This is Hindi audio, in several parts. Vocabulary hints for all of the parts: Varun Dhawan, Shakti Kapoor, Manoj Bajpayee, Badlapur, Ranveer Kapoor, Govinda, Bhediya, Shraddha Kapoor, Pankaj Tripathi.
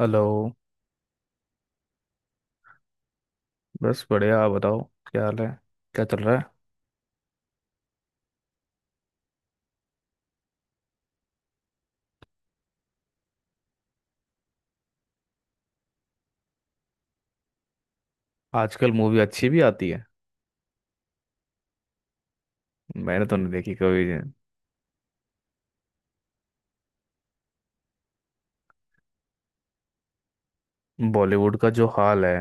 हेलो। बस बढ़िया, आप बताओ। क्या हाल है? क्या चल रहा है? आजकल मूवी अच्छी भी आती है? मैंने तो नहीं देखी कभी। बॉलीवुड का जो हाल है,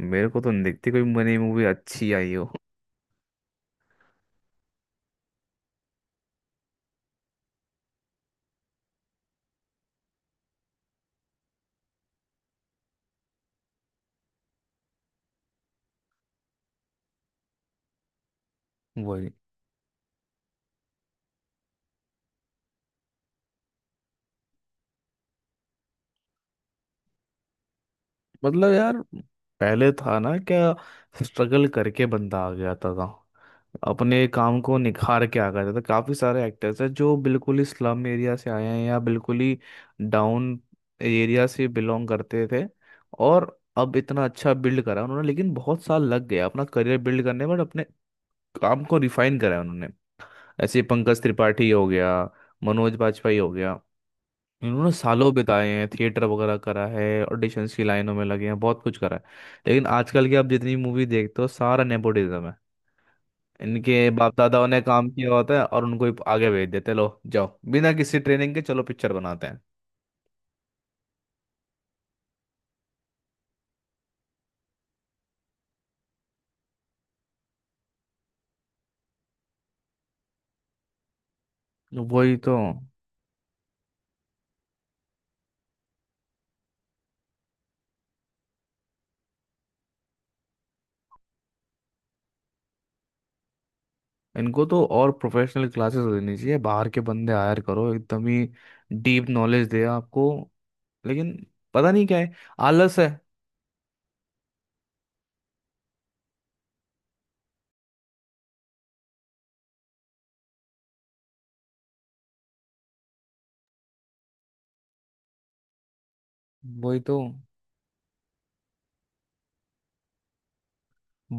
मेरे को तो नहीं दिखती कोई मनी मूवी अच्छी आई हो। वही। मतलब यार पहले था ना क्या, स्ट्रगल करके बंदा आ गया था। अपने काम को निखार के आ गए थे, तो काफी सारे एक्टर्स हैं जो बिल्कुल ही स्लम एरिया से आए हैं या बिल्कुल ही डाउन एरिया से बिलोंग करते थे। और अब इतना अच्छा बिल्ड करा उन्होंने, लेकिन बहुत साल लग गया अपना करियर बिल्ड करने में, और अपने काम को रिफाइन करा उन्होंने। ऐसे पंकज त्रिपाठी हो गया, मनोज बाजपेयी हो गया। इन्होंने सालों बिताए हैं, थिएटर वगैरह करा है, ऑडिशंस की लाइनों में लगे हैं, बहुत कुछ करा है। लेकिन आजकल की आप जितनी मूवी देखते हो सारा नेपोटिज्म है। इनके बाप दादाओं ने काम किया होता है और उनको ही आगे भेज देते, लो जाओ, बिना किसी ट्रेनिंग के चलो पिक्चर बनाते हैं। तो वही तो। इनको तो और प्रोफेशनल क्लासेस देनी चाहिए, बाहर के बंदे हायर करो एकदम ही, डीप नॉलेज दे आपको। लेकिन पता नहीं क्या है, आलस है। वही तो।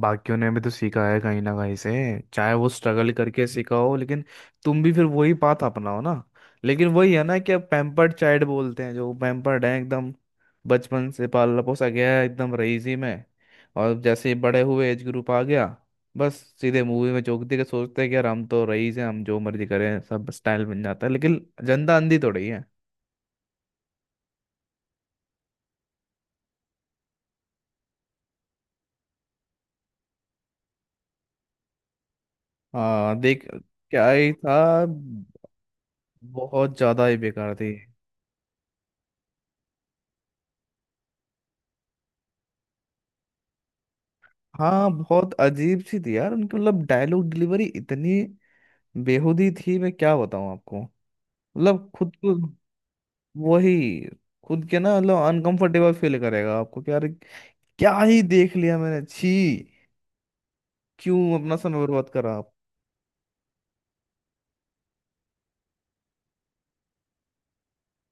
बाकियों ने भी तो सीखा है कहीं ना कहीं से, चाहे वो स्ट्रगल करके सीखा हो, लेकिन तुम भी फिर वही बात अपनाओ ना। लेकिन वही है ना कि अब पैम्पर्ड चाइल्ड बोलते हैं, जो पैम्पर्ड है एकदम, बचपन से पाला पोसा गया है एकदम रईसी में। और जैसे ही बड़े हुए, एज ग्रुप आ गया, बस सीधे मूवी में चौंक के सोचते हैं कि यार हम तो रईस हैं, हम जो मर्जी करें सब स्टाइल बन जाता है। लेकिन जनता अंधी थोड़ी है। हाँ देख। क्या ही था। बहुत ज्यादा ही बेकार थी। हाँ बहुत अजीब सी थी यार उनकी, मतलब डायलॉग डिलीवरी इतनी बेहुदी थी, मैं क्या बताऊँ आपको। मतलब खुद को। वही। खुद के ना, मतलब अनकंफर्टेबल फील करेगा आपको कि यार क्या ही देख लिया मैंने, छी। क्यों अपना समय बर्बाद करा आप।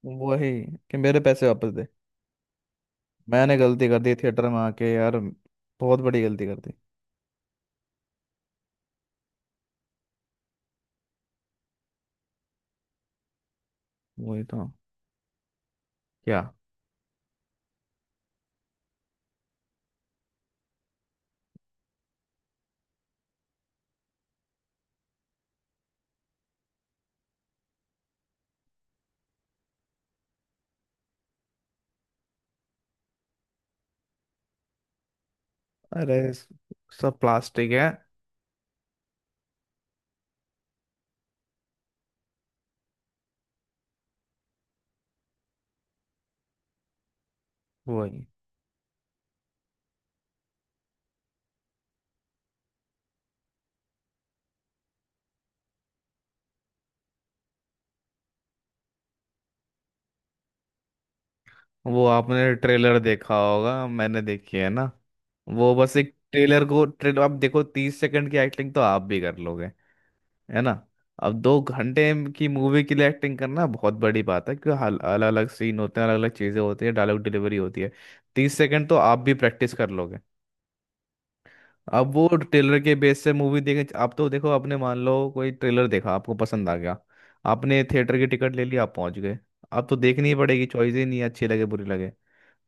वही। कि मेरे पैसे वापस दे। मैंने गलती कर दी थिएटर में आके, यार बहुत बड़ी गलती कर दी। वही तो। क्या। अरे सब प्लास्टिक है। वही। वो आपने ट्रेलर देखा होगा, मैंने देखी है ना। वो बस एक ट्रेलर, को ट्रेलर आप देखो, 30 सेकंड की एक्टिंग तो आप भी कर लोगे। है ना। अब 2 घंटे की मूवी के लिए एक्टिंग करना बहुत बड़ी बात है, क्योंकि अलग अलग सीन होते हैं, अलग अलग चीजें होती है, डायलॉग डिलीवरी होती है। 30 सेकंड तो आप भी प्रैक्टिस कर लोगे। अब वो ट्रेलर के बेस से मूवी देखे आप, तो देखो, आपने मान लो कोई ट्रेलर देखा आपको पसंद आ गया, आपने थिएटर की टिकट ले ली, आप पहुंच गए, अब तो देखनी ही पड़ेगी, चॉइस ही नहीं है, अच्छी लगे बुरी लगे।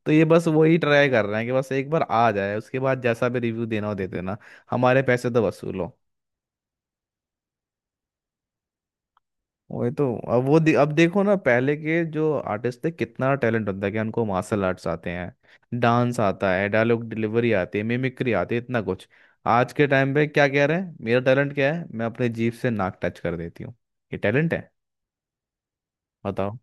तो ये बस वही ट्राई कर रहे हैं कि बस एक बार आ जाए, उसके बाद जैसा भी रिव्यू देना हो दे देना। हमारे पैसे तो वसूलो। वही तो। अब वो दे, अब देखो ना, पहले के जो आर्टिस्ट थे कितना टैलेंट होता है, कि उनको मार्शल आर्ट्स आते हैं, डांस आता है, डायलॉग डिलीवरी आती है, मिमिक्री आती है, इतना कुछ। आज के टाइम पे क्या कह रहे हैं, मेरा टैलेंट क्या है, मैं अपने जीभ से नाक टच कर देती हूँ, ये टैलेंट है। बताओ।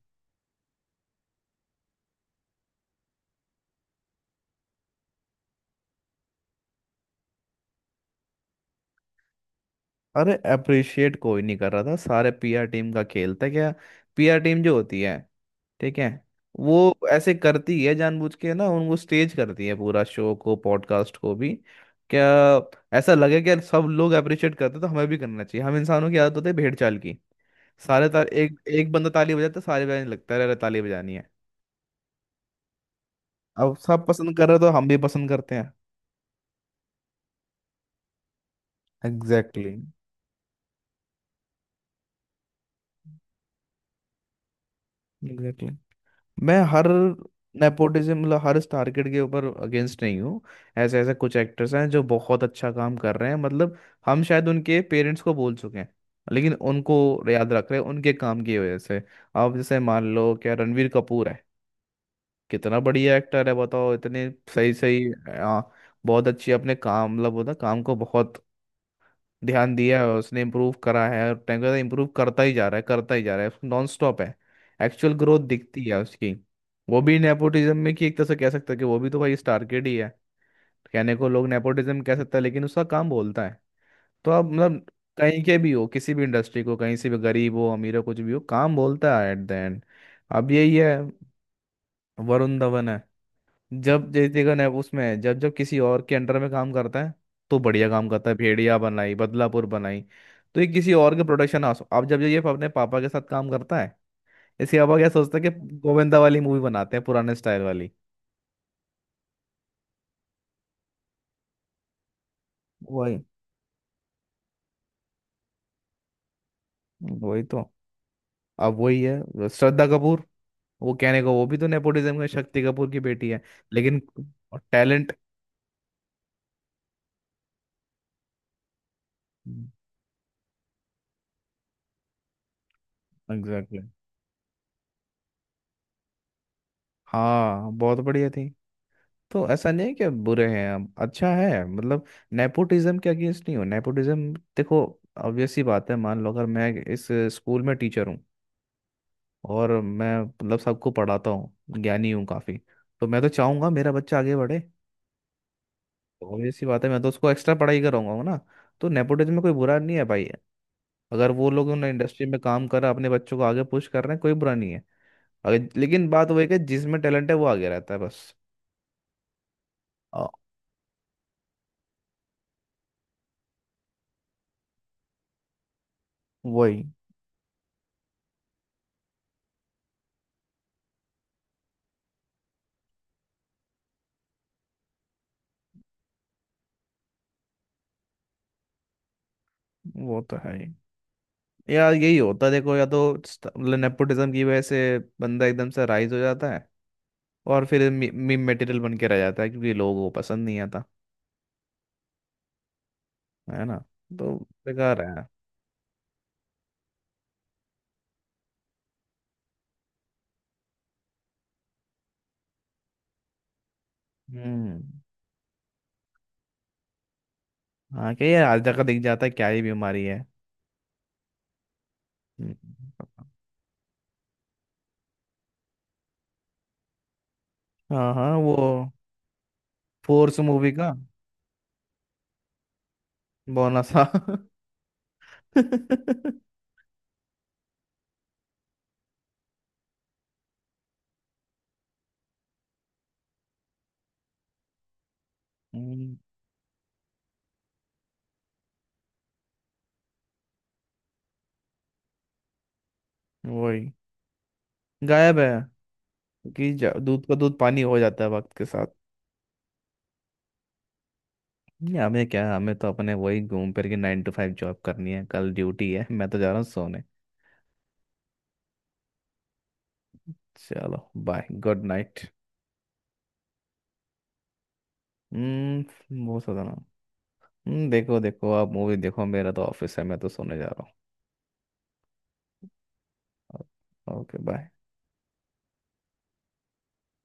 अरे अप्रिशिएट कोई नहीं कर रहा था, सारे पीआर टीम का खेल था, क्या। पीआर टीम जो होती है, ठीक है, वो ऐसे करती है, जानबूझ के ना उनको स्टेज करती है पूरा, शो को पॉडकास्ट को भी। क्या। ऐसा लगे कि यार सब लोग अप्रिशिएट करते हैं, तो हमें भी करना चाहिए। हम इंसानों की आदत होती है भेड़ चाल की। सारे तार, एक एक बंदा ताली बजाता है, तो सारे बजाने लगता है, अरे ताली बजानी है। अब सब पसंद कर रहे हो, तो हम भी पसंद करते हैं। एग्जैक्टली। एग्जैक्टली। मैं हर नेपोटिज्म, मतलब हर स्टार किड के ऊपर अगेंस्ट नहीं हूँ। ऐसे ऐसे कुछ एक्टर्स हैं जो बहुत अच्छा काम कर रहे हैं, मतलब हम शायद उनके पेरेंट्स को बोल चुके हैं, लेकिन उनको याद रख रहे हैं उनके काम की वजह से। आप जैसे मान लो क्या रणवीर कपूर है, कितना बढ़िया एक्टर है, बताओ इतने सही सही। आ, बहुत अच्छी, अपने काम, मतलब होता काम को बहुत ध्यान दिया है उसने, इम्प्रूव करा है, और टाइम के साथ इम्प्रूव करता ही जा रहा है, करता ही जा रहा है, नॉन स्टॉप है। एक्चुअल ग्रोथ दिखती है उसकी। वो भी नेपोटिज्म में, कि एक तरह से कह सकता है कि वो भी तो भाई स्टार किड ही है। कहने को लोग नेपोटिज्म कह सकता है, लेकिन उसका काम बोलता है। तो आप मतलब कहीं के भी हो, किसी भी इंडस्ट्री को, कहीं से भी, गरीब हो अमीर हो कुछ भी हो, काम बोलता है एट द एंड। अब यही है, वरुण धवन है। जब जैसे देखो ना, उसमें जब जब किसी और के अंडर में काम करता है, तो बढ़िया काम करता है, भेड़िया बनाई, बदलापुर बनाई। तो ये किसी और के प्रोडक्शन हाउस, अब जब ये अपने पापा के साथ काम करता है, इसके पापा क्या सोचता है कि गोविंदा वाली मूवी बनाते हैं पुराने स्टाइल वाली। वही। वही तो। अब वही है, श्रद्धा कपूर। वो कहने को वो भी तो नेपोटिज्म में, शक्ति कपूर की बेटी है, लेकिन टैलेंट। एग्जैक्टली। हाँ बहुत बढ़िया थी। तो ऐसा नहीं है कि आप बुरे हैं, आप अच्छा है, मतलब नेपोटिज्म के अगेंस्ट नहीं हो। नेपोटिज्म देखो, ऑब्वियस सी बात है, मान लो अगर मैं इस स्कूल में टीचर हूँ, और मैं मतलब सबको पढ़ाता हूँ, ज्ञानी हूँ काफ़ी, तो मैं तो चाहूँगा मेरा बच्चा आगे बढ़े। ऑब्वियस सी बात है, मैं तो उसको एक्स्ट्रा पढ़ाई कराऊंगा ना। तो नेपोटिज्म में कोई बुरा नहीं है भाई। अगर वो लोग, उन्होंने इंडस्ट्री में काम करा, अपने बच्चों को आगे पुश कर रहे हैं, कोई बुरा नहीं है। अगर, लेकिन बात वही है कि जिसमें टैलेंट है वो आगे रहता है, बस। आ, वही वो तो है ही। यार यही होता है देखो, या तो मतलब नेपोटिज्म की वजह से बंदा एकदम से राइज हो जाता है, और फिर मीम मटेरियल बन के रह जाता है, क्योंकि लोगों को पसंद नहीं आता। है ना। तो बेकार है। हम्म। हाँ क्या यार, आज तक दिख जाता है, क्या ही बीमारी है। हम्म। हाँ हाँ वो फोर्स मूवी का बोनस, हाँ हम्म, वही। गायब है। कि दूध का दूध पानी हो जाता है वक्त के साथ। नहीं, हमें क्या, हमें तो अपने वही घूम फिर के 9 to 5 जॉब करनी है, कल ड्यूटी है, मैं तो जा रहा हूँ सोने। चलो। Bye, good night. हम्म, वो सोचा ना। हम्म, देखो देखो आप मूवी देखो, मेरा तो ऑफिस है, मैं तो सोने जा रहा हूँ। Okay bye.